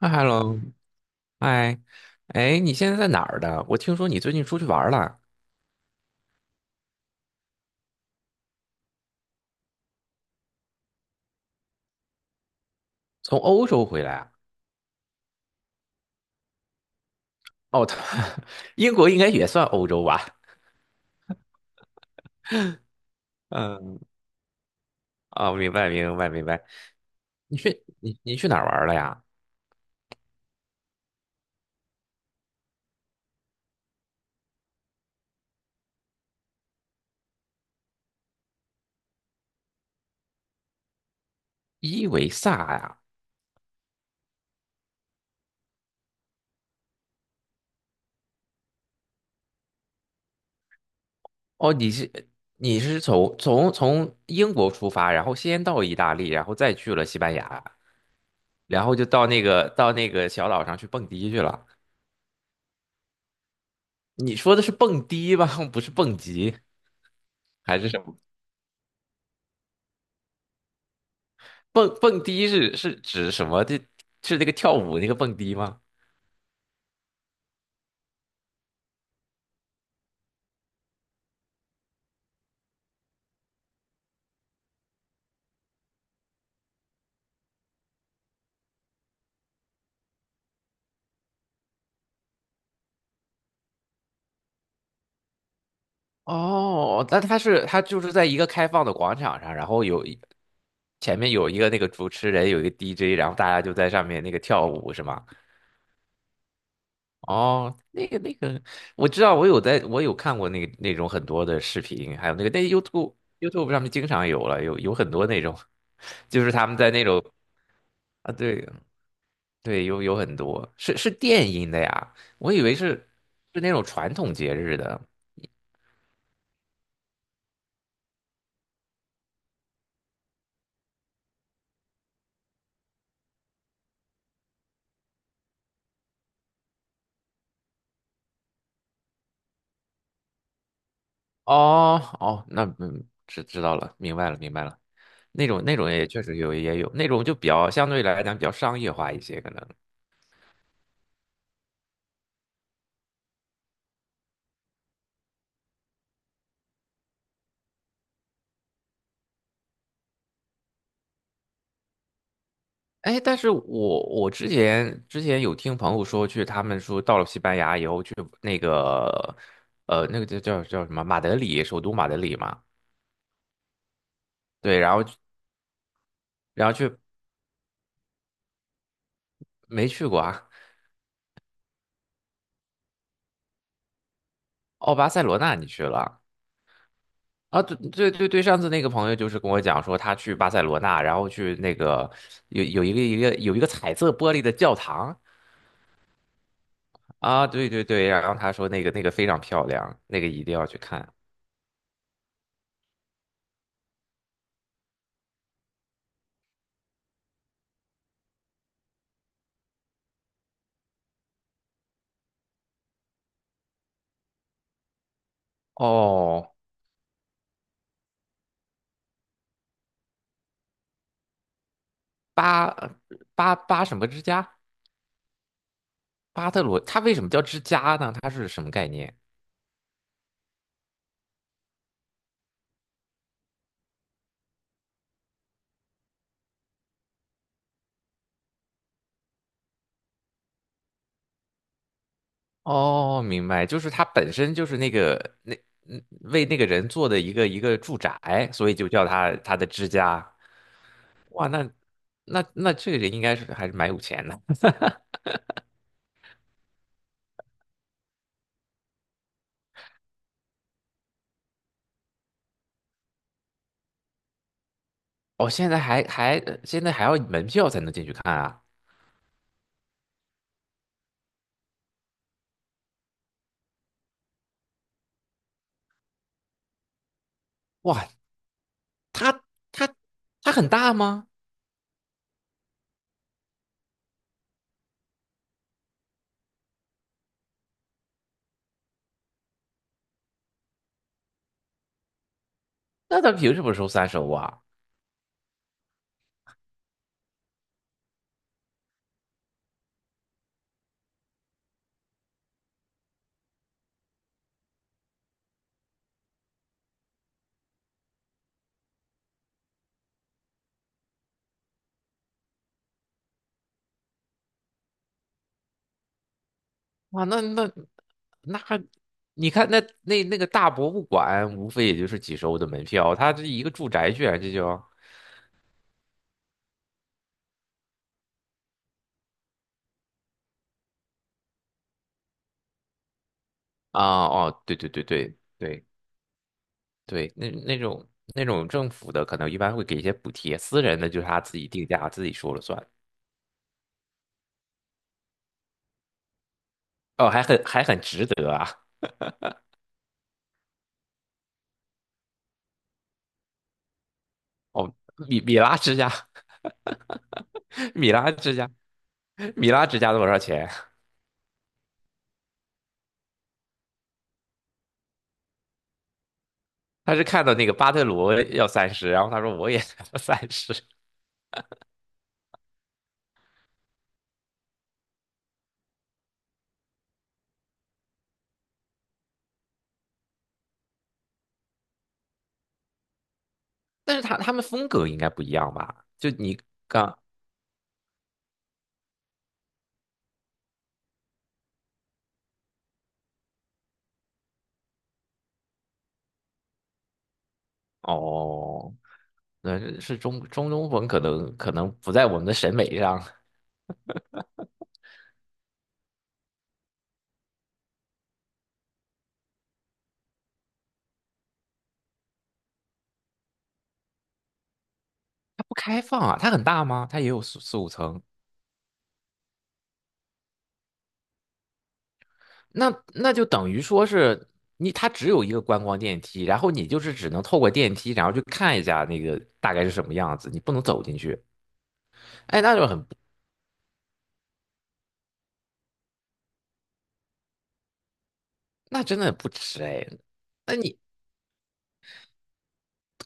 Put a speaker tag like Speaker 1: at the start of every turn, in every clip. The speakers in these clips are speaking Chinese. Speaker 1: 嗨，hello，嗨，哎，你现在在哪儿的？我听说你最近出去玩儿了，从欧洲回来啊？哦，他 英国应该也算欧洲吧？嗯，哦，明白，明白，明白。你去哪儿玩儿了呀？伊维萨呀？哦，你是从英国出发，然后先到意大利，然后再去了西班牙，然后就到那个小岛上去蹦迪去了。你说的是蹦迪吧？不是蹦极还是什么？蹦迪是指什么？这是那个跳舞那个蹦迪吗？哦，那它是它就是在一个开放的广场上，然后前面有一个那个主持人，有一个 DJ，然后大家就在上面那个跳舞是吗？哦，我知道，我有看过那个那种很多的视频，还有那个那 YouTube 上面经常有了，有很多那种，就是他们在那种啊，对对，有很多是电音的呀，我以为是那种传统节日的，哦哦，那知道了，明白了，明白了。那种也确实有也有那种就比较相对来讲比较商业化一些可能。哎，但是我之前有听朋友说去，他们说到了西班牙以后去那个那个叫什么马德里，首都马德里嘛。对，然后然后去没去过啊？哦，巴塞罗那你去了啊？啊，对对对对，上次那个朋友就是跟我讲说，他去巴塞罗那，然后去那个有一个彩色玻璃的教堂啊，对对对，然后他说那个非常漂亮，那个一定要去看。哦，巴巴什么之家？巴特罗，他为什么叫之家呢？他是什么概念？哦，明白，就是他本身就是那个那嗯为那个人做的一个住宅，所以就叫他的之家。哇，那这个人应该是还是蛮有钱的。哦，现在还要门票才能进去看啊！哇，它它它很大吗？那它凭什么收三十欧啊？哇，那那那，你看那个大博物馆，无非也就是几十欧的门票，它这一个住宅居然这就啊哦，对对对对对对，那那种政府的可能一般会给一些补贴，私人的就是他自己定价，自己说了算。哦，还很值得啊！哦，米拉之家，米拉之家。米拉只加了多少钱？他是看到那个巴特罗要三十，然后他说我也要三十，但是他们风格应该不一样吧？就你刚哦，那是中东风，可能不在我们的审美上，它不开放啊，它很大吗？它也有四五层，那就等于说是你它只有一个观光电梯，然后你就是只能透过电梯，然后去看一下那个大概是什么样子，你不能走进去，哎，那就很那真的不值哎。那你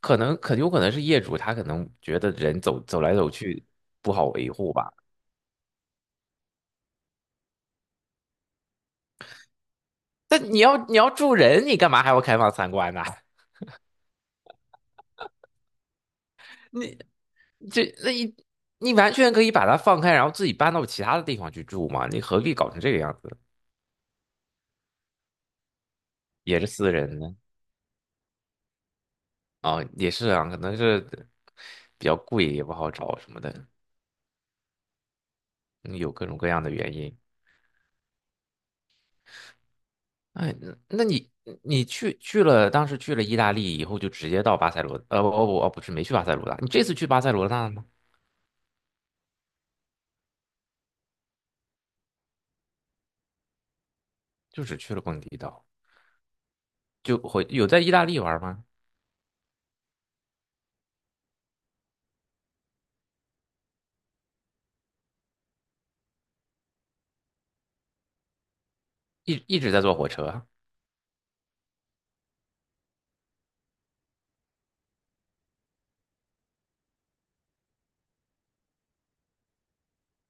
Speaker 1: 可能很有可能是业主他可能觉得人走走来走去不好维护吧。但你要住人，你干嘛还要开放参观呢？你这那你你完全可以把它放开，然后自己搬到其他的地方去住嘛。你何必搞成这个样子？也是私人呢啊，也是啊，可能是比较贵，也不好找什么的，嗯，有各种各样的原因。哎，那你去了，当时去了意大利以后，就直接到巴塞罗，不不不，不是没去巴塞罗那，你这次去巴塞罗那了吗？就只去了蹦迪岛，有在意大利玩吗？一直在坐火车啊。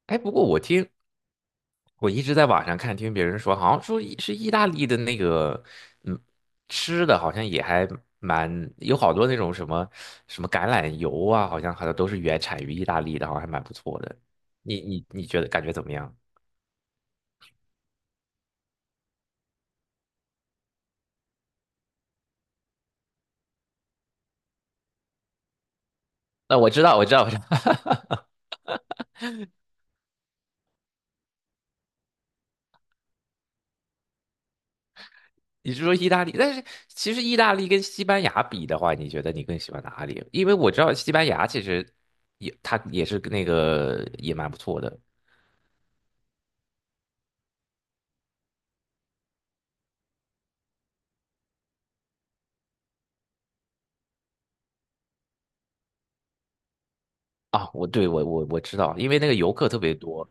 Speaker 1: 哎，不过我一直在网上看，听别人说，好像说意大利的那个，嗯，吃的好像也还蛮有好多那种什么什么橄榄油啊，好像都是原产于意大利的，好像还蛮不错的。你觉得感觉怎么样？那我知道，我知道，我知道，你是说意大利？但是其实意大利跟西班牙比的话，你觉得你更喜欢哪里？因为我知道西班牙其实也，它也是那个也蛮不错的啊。我对我我我知道，因为那个游客特别多，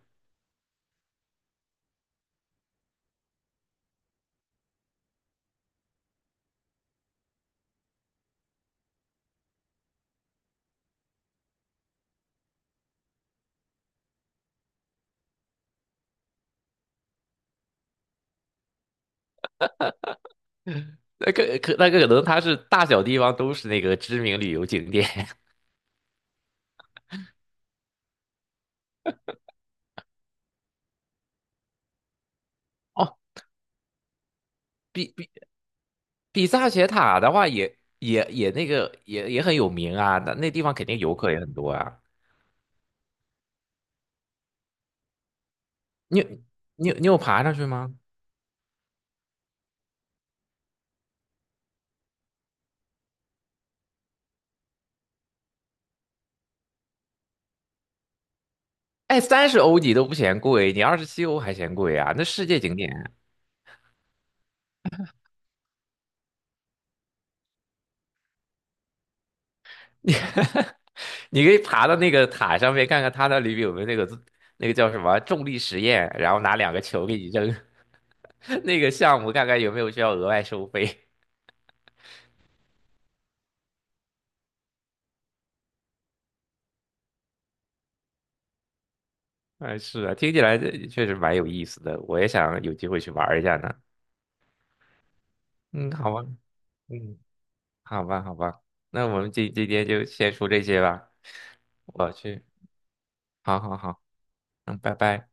Speaker 1: 那个可能它是大小地方都是那个知名旅游景点 哦。比比比萨斜塔的话也，很有名啊，那地方肯定游客也很多啊。你有你有爬上去吗？哎，三十欧你都不嫌贵，你27欧还嫌贵啊？那世界景点，你你可以爬到那个塔上面看看它那里面有没有那个叫什么重力实验，然后拿两个球给你扔，那个项目看看有没有需要额外收费。哎，是啊，听起来这确实蛮有意思的，我也想有机会去玩一下呢。嗯，好吧，嗯，好吧，好吧，那我们今天就先说这些吧。我去，好好好，嗯，拜拜。